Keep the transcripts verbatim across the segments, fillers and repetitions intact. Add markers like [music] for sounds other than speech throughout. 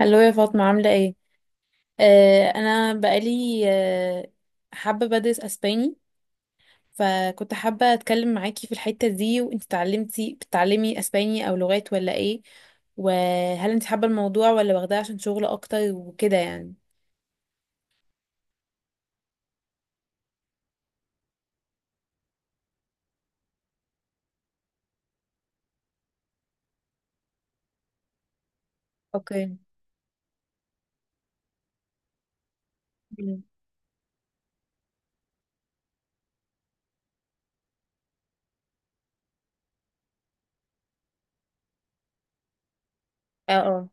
هلو يا فاطمة، عاملة ايه؟ آه انا بقالي آه حابة بدرس اسباني، فكنت حابة اتكلم معاكي في الحتة دي. وانت اتعلمتي، بتتعلمي اسباني او لغات ولا ايه؟ وهل انت حابة الموضوع ولا واخداه عشان شغل اكتر وكده يعني؟ اوكي. مم. اه اه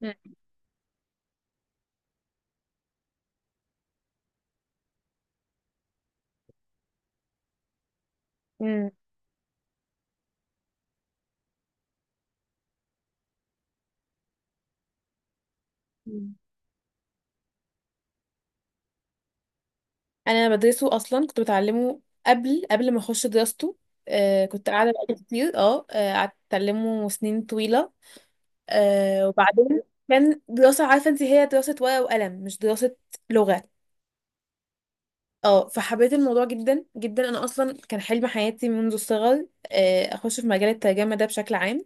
مم. مم. مم. انا بدرسه، اصلا كنت بتعلمه قبل قبل ما اخش دراسته. آه كنت قاعدة بقالي كتير، اه آه، قعدت اتعلمه سنين طويلة. آه وبعدين كان دراسة، عارفة انت، هي دراسة ورقة وقلم، مش دراسة لغة. اه، فحبيت الموضوع جدا جدا. انا اصلا كان حلم حياتي منذ الصغر، آه اخش في مجال الترجمة ده بشكل عام.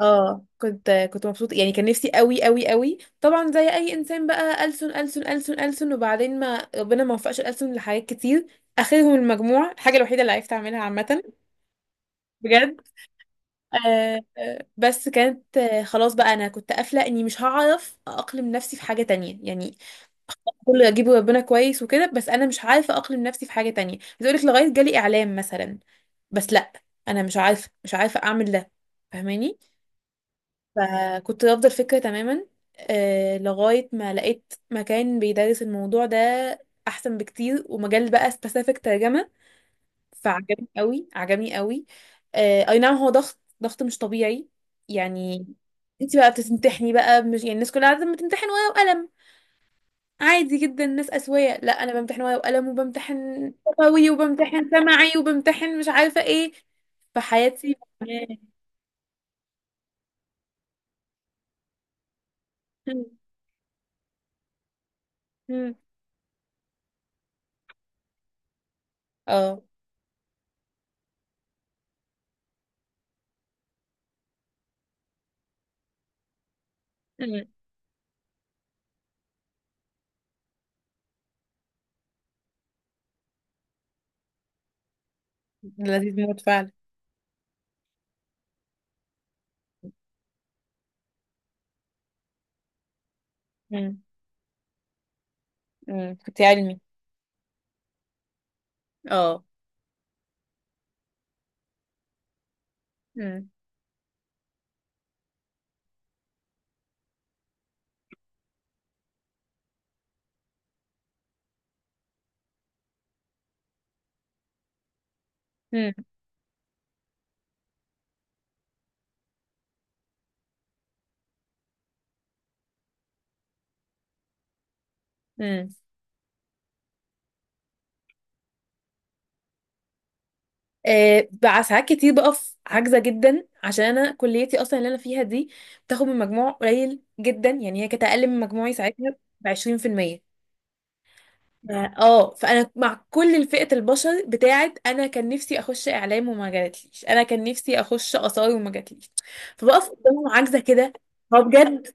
اه، كنت كنت مبسوطة يعني، كان نفسي قوي قوي قوي طبعا زي اي انسان بقى، ألسن ألسن ألسن ألسن. وبعدين ما ربنا ما وفقش، الألسن لحاجات كتير اخرهم المجموع، الحاجة الوحيدة اللي عرفت اعملها عامة بجد. آه، آه، بس كانت، آه، خلاص بقى، انا كنت قافله اني مش هعرف اقلم نفسي في حاجه تانية يعني. كل اجيب ربنا كويس وكده، بس انا مش عارفه اقلم نفسي في حاجه تانية. بتقول لك لغايه جالي اعلام مثلا، بس لا، انا مش عارفه مش عارفه اعمل ده، فاهماني. فكنت رافضه الفكره تماما. آه، لغايه ما لقيت مكان بيدرس الموضوع ده احسن بكتير، ومجال بقى سبيسيفيك، ترجمه. فعجبني قوي، عجبني قوي آه، اي نعم، هو ضغط ضغط مش طبيعي يعني. انت بقى بتمتحني بقى، مش يعني الناس كلها عاده بتمتحن ورقه وقلم، عادي جدا، الناس اسويه. لا، انا بمتحن ورقه وقلم، وبمتحن لغوي، وبمتحن سمعي، وبمتحن مش عارفه ايه، فحياتي. مم. مم. اه. مم. لذيذ موت فعلا. مم. مم. كنت علمي. اه. مم. مم. مم. آه، بقى ساعات كتير بقف عاجزة جدا، عشان انا كليتي اصلا اللي انا فيها دي بتاخد من مجموع قليل جدا. يعني هي كانت اقل من مجموعي ساعتها ب عشرين في المية. ف- اه فانا مع كل فئة البشر بتاعت انا كان نفسي اخش اعلام وما جاتليش، انا كان نفسي اخش اثار وما جاتليش، فبقف قدامهم عاجزة كده. هو بجد،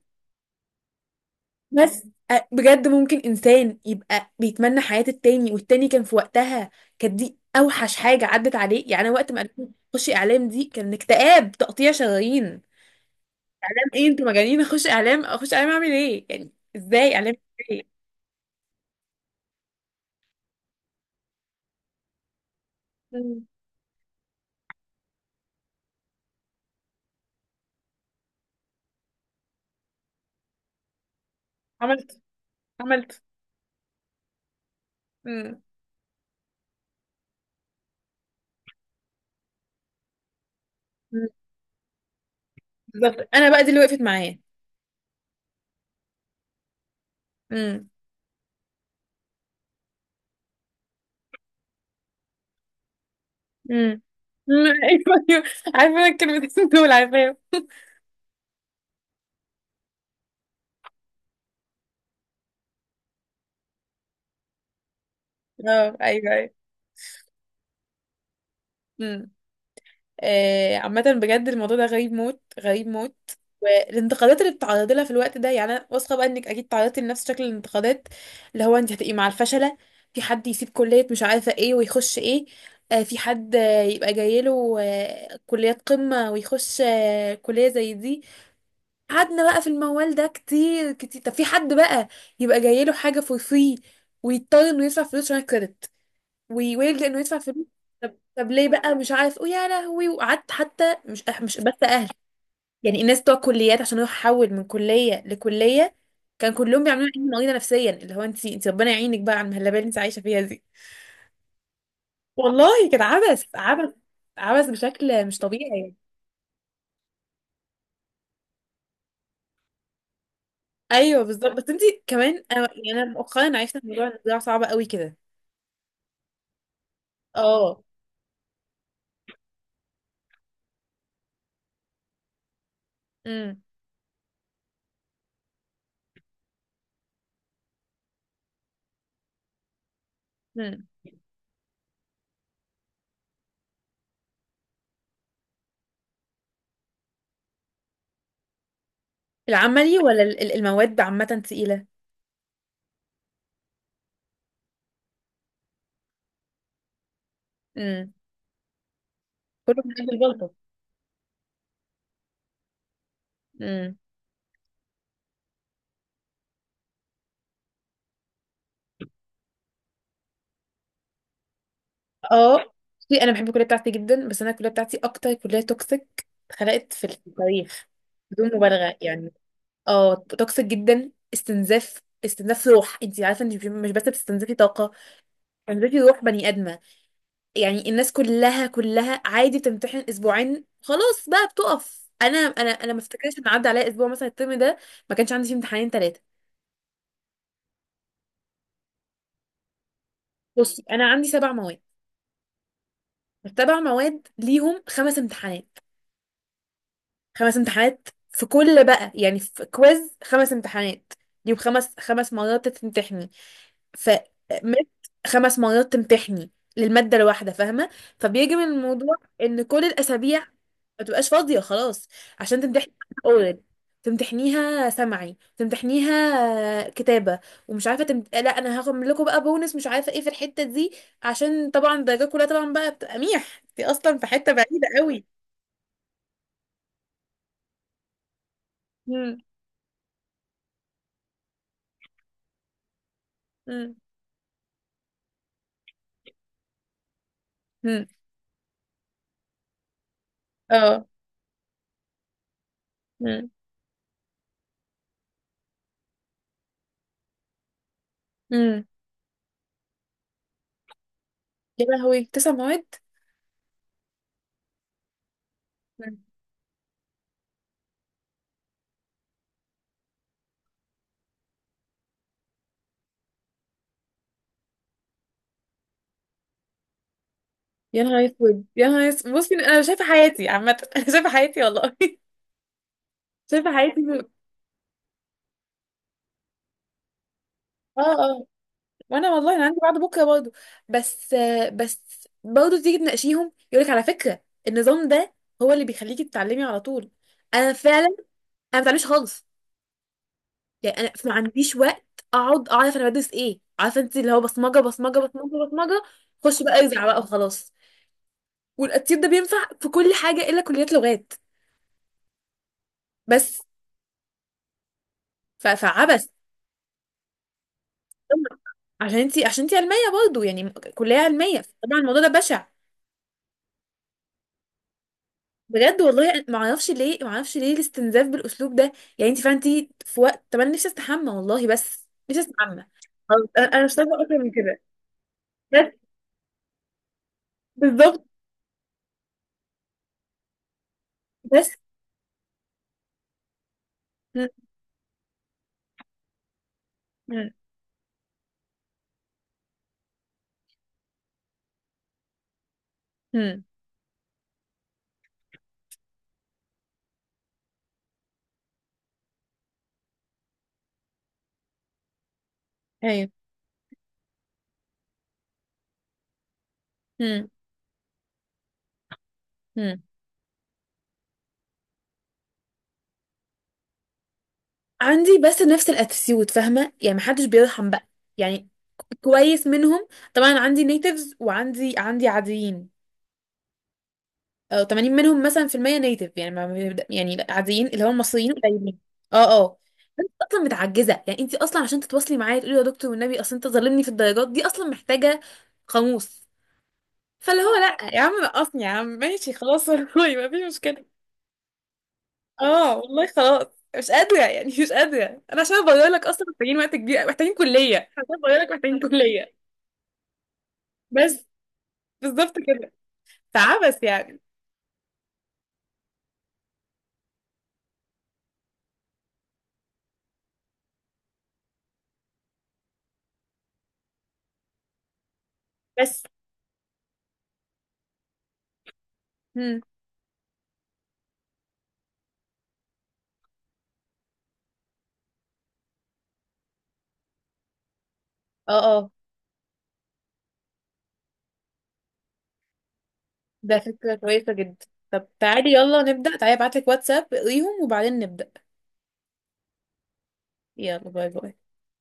بس أ- بجد ممكن انسان يبقى بيتمنى حياة التاني، والتاني كان في وقتها. كانت دي اوحش حاجة عدت عليه يعني. أنا وقت ما قالوا لي خشي اعلام، دي كان اكتئاب تقطيع شرايين. اعلام ايه؟ انتوا مجانين! [laughs] اخش اعلام، اخش اعلام، اعمل ايه يعني، ازاي اعلام؟ ايه. مم. عملت عملت مم. مم. بالظبط، انا بقى دي اللي وقفت معايا. مم. مم. مم. [laughs] ايوه، ايوه، عارفه، انا الكلمتين دول عارفاهم. [laughs] اه، ايوه، ايوه. آه، عامة بجد الموضوع ده غريب موت، غريب موت. والانتقادات اللي بتتعرضي لها في الوقت ده، يعني انا واثقه بقى انك اكيد تعرضتي لنفس شكل الانتقادات. اللي هو انت هتبقي مع الفشله، في حد يسيب كليه مش عارفه ايه ويخش ايه، آه، في حد، آه، يبقى جايله آه، كليات قمه ويخش آه، كليه زي دي. قعدنا بقى في الموال ده كتير كتير. طب في حد بقى يبقى جايله حاجه فور فري، ويضطر انه يدفع فلوس عشان الكريدت ويويل لانه يدفع فلوس. طب طب ليه بقى؟ مش عارف ويا لهوي. وقعدت، حتى مش أه، مش بس اهل يعني، الناس بتوع كليات، عشان هو حول من كليه لكليه، كان كلهم بيعملوا عيني مريضه نفسيا، اللي هو انت انت ربنا يعينك بقى على المهلبيه اللي انت عايشه فيها دي. والله كان عبث، عبث، عبث بشكل مش طبيعي يعني. ايوه بالظبط. بس انت كمان، أنا- يعني انا مؤخرا عرفت ان موضوع النزاع صعب قوي كده. اه. امم. امم. العملي ولا ال- ال- المواد عامه تقيله؟ امم. كله من اجل البلطه. إمم. اه. بصي، انا بحب الكليه بتاعتي جدا، بس انا الكليه بتاعتي اكتر كليه توكسيك اتخلقت في التاريخ، بدون مبالغه يعني. اه، توكسيك جدا، استنزاف، استنزاف روح. انت عارفه، انت مش بس بتستنزفي طاقه، بتستنزفي روح بني ادمه. يعني الناس كلها، كلها عادي بتمتحن اسبوعين، خلاص بقى بتقف. انا، انا انا ما افتكرش ان عدى عليا اسبوع مثلا الترم ده ما كانش عندي فيه امتحانين ثلاثه. بصي انا عندي سبع مواد. السبع مواد ليهم خمس امتحانات. خمس امتحانات في كل بقى، يعني في كويز، خمس امتحانات. يوم، خمس خمس مرات تمتحني. ف مت خمس مرات تمتحني للمادة الواحدة، فاهمة؟ فبيجي من الموضوع ان كل الاسابيع ما تبقاش فاضية خلاص، عشان تمتحني اورال، تمتحنيها سمعي، تمتحنيها كتابة، ومش عارفة تمت... لا، انا هاخد من لكم بقى بونس، مش عارفة ايه في الحتة دي، عشان طبعا الدرجات كلها طبعا بقى بتبقى ميح، دي اصلا في حتة بعيدة قوي. مم. مم. مم. اه. مم. مم. يا لهوي، تسع مواد! مم. يا نهار اسود، يا نهار اسود! بصي انا شايفه حياتي عامه، [laughs] انا شايفه حياتي والله. [laughs] شايفه حياتي ب- اه. اه. وانا والله انا عندي بعد بكره برضه. بس، بس برضه تيجي تناقشيهم يقولك على فكره النظام ده هو اللي بيخليكي تتعلمي على طول. انا فعلا انا ما بتعلمش خالص يعني. انا ما عنديش وقت اقعد اعرف انا بدرس ايه، عارفه انت، اللي هو بصمجه بصمجه بصمجه بصمجه. خش بقى ارزع بقى وخلاص. والتطبيق ده بينفع في كل حاجه الا كليات لغات، بس. ف- فعبث. عشان انتي، عشان انتي علميه برضه يعني، كليه علميه، طبعا الموضوع ده بشع. بجد والله ما اعرفش ليه، ما اعرفش ليه الاستنزاف بالاسلوب ده. يعني انت فعلا انتي في وقت. طب انا نفسي استحمى والله، بس نفسي استحمى. خلاص، انا أنا مش طالبه اكتر من كده، بس. بالظبط. بس. هم، هم، هم، ايوه. هم، هم. عندي، بس نفس الاتيتيود فاهمه، يعني محدش بيرحم بقى يعني، كويس منهم. طبعا عندي نيتيفز، وعندي عندي عاديين. اه، تمانين منهم مثلا في المية نيتف، يعني ما بيبدأ يعني. لا، عاديين اللي هم المصريين قليلين. اه. اه. انت اصلا متعجزه يعني، انت اصلا عشان تتواصلي معايا تقولي: يا دكتور والنبي اصل انت ظالمني في الدرجات دي، اصلا محتاجه قاموس. فاللي هو لا يا عم نقصني يا عم، ماشي خلاص. [laughs] والله ما فيش مشكله. اه والله خلاص. مش قادره يعني، مش قادره. انا عشان ابرر لك اصلا محتاجين وقت كبير، محتاجين كليه عشان ابرر لك، محتاجين كليه، بس. بالظبط كده. فعبس يعني. بس. مم. اه، آه. ده فكرة كويسة جدا. طب تعالي يلا نبدأ، تعالي ابعتلك واتساب اقريهم وبعدين نبدأ. يلا، باي باي.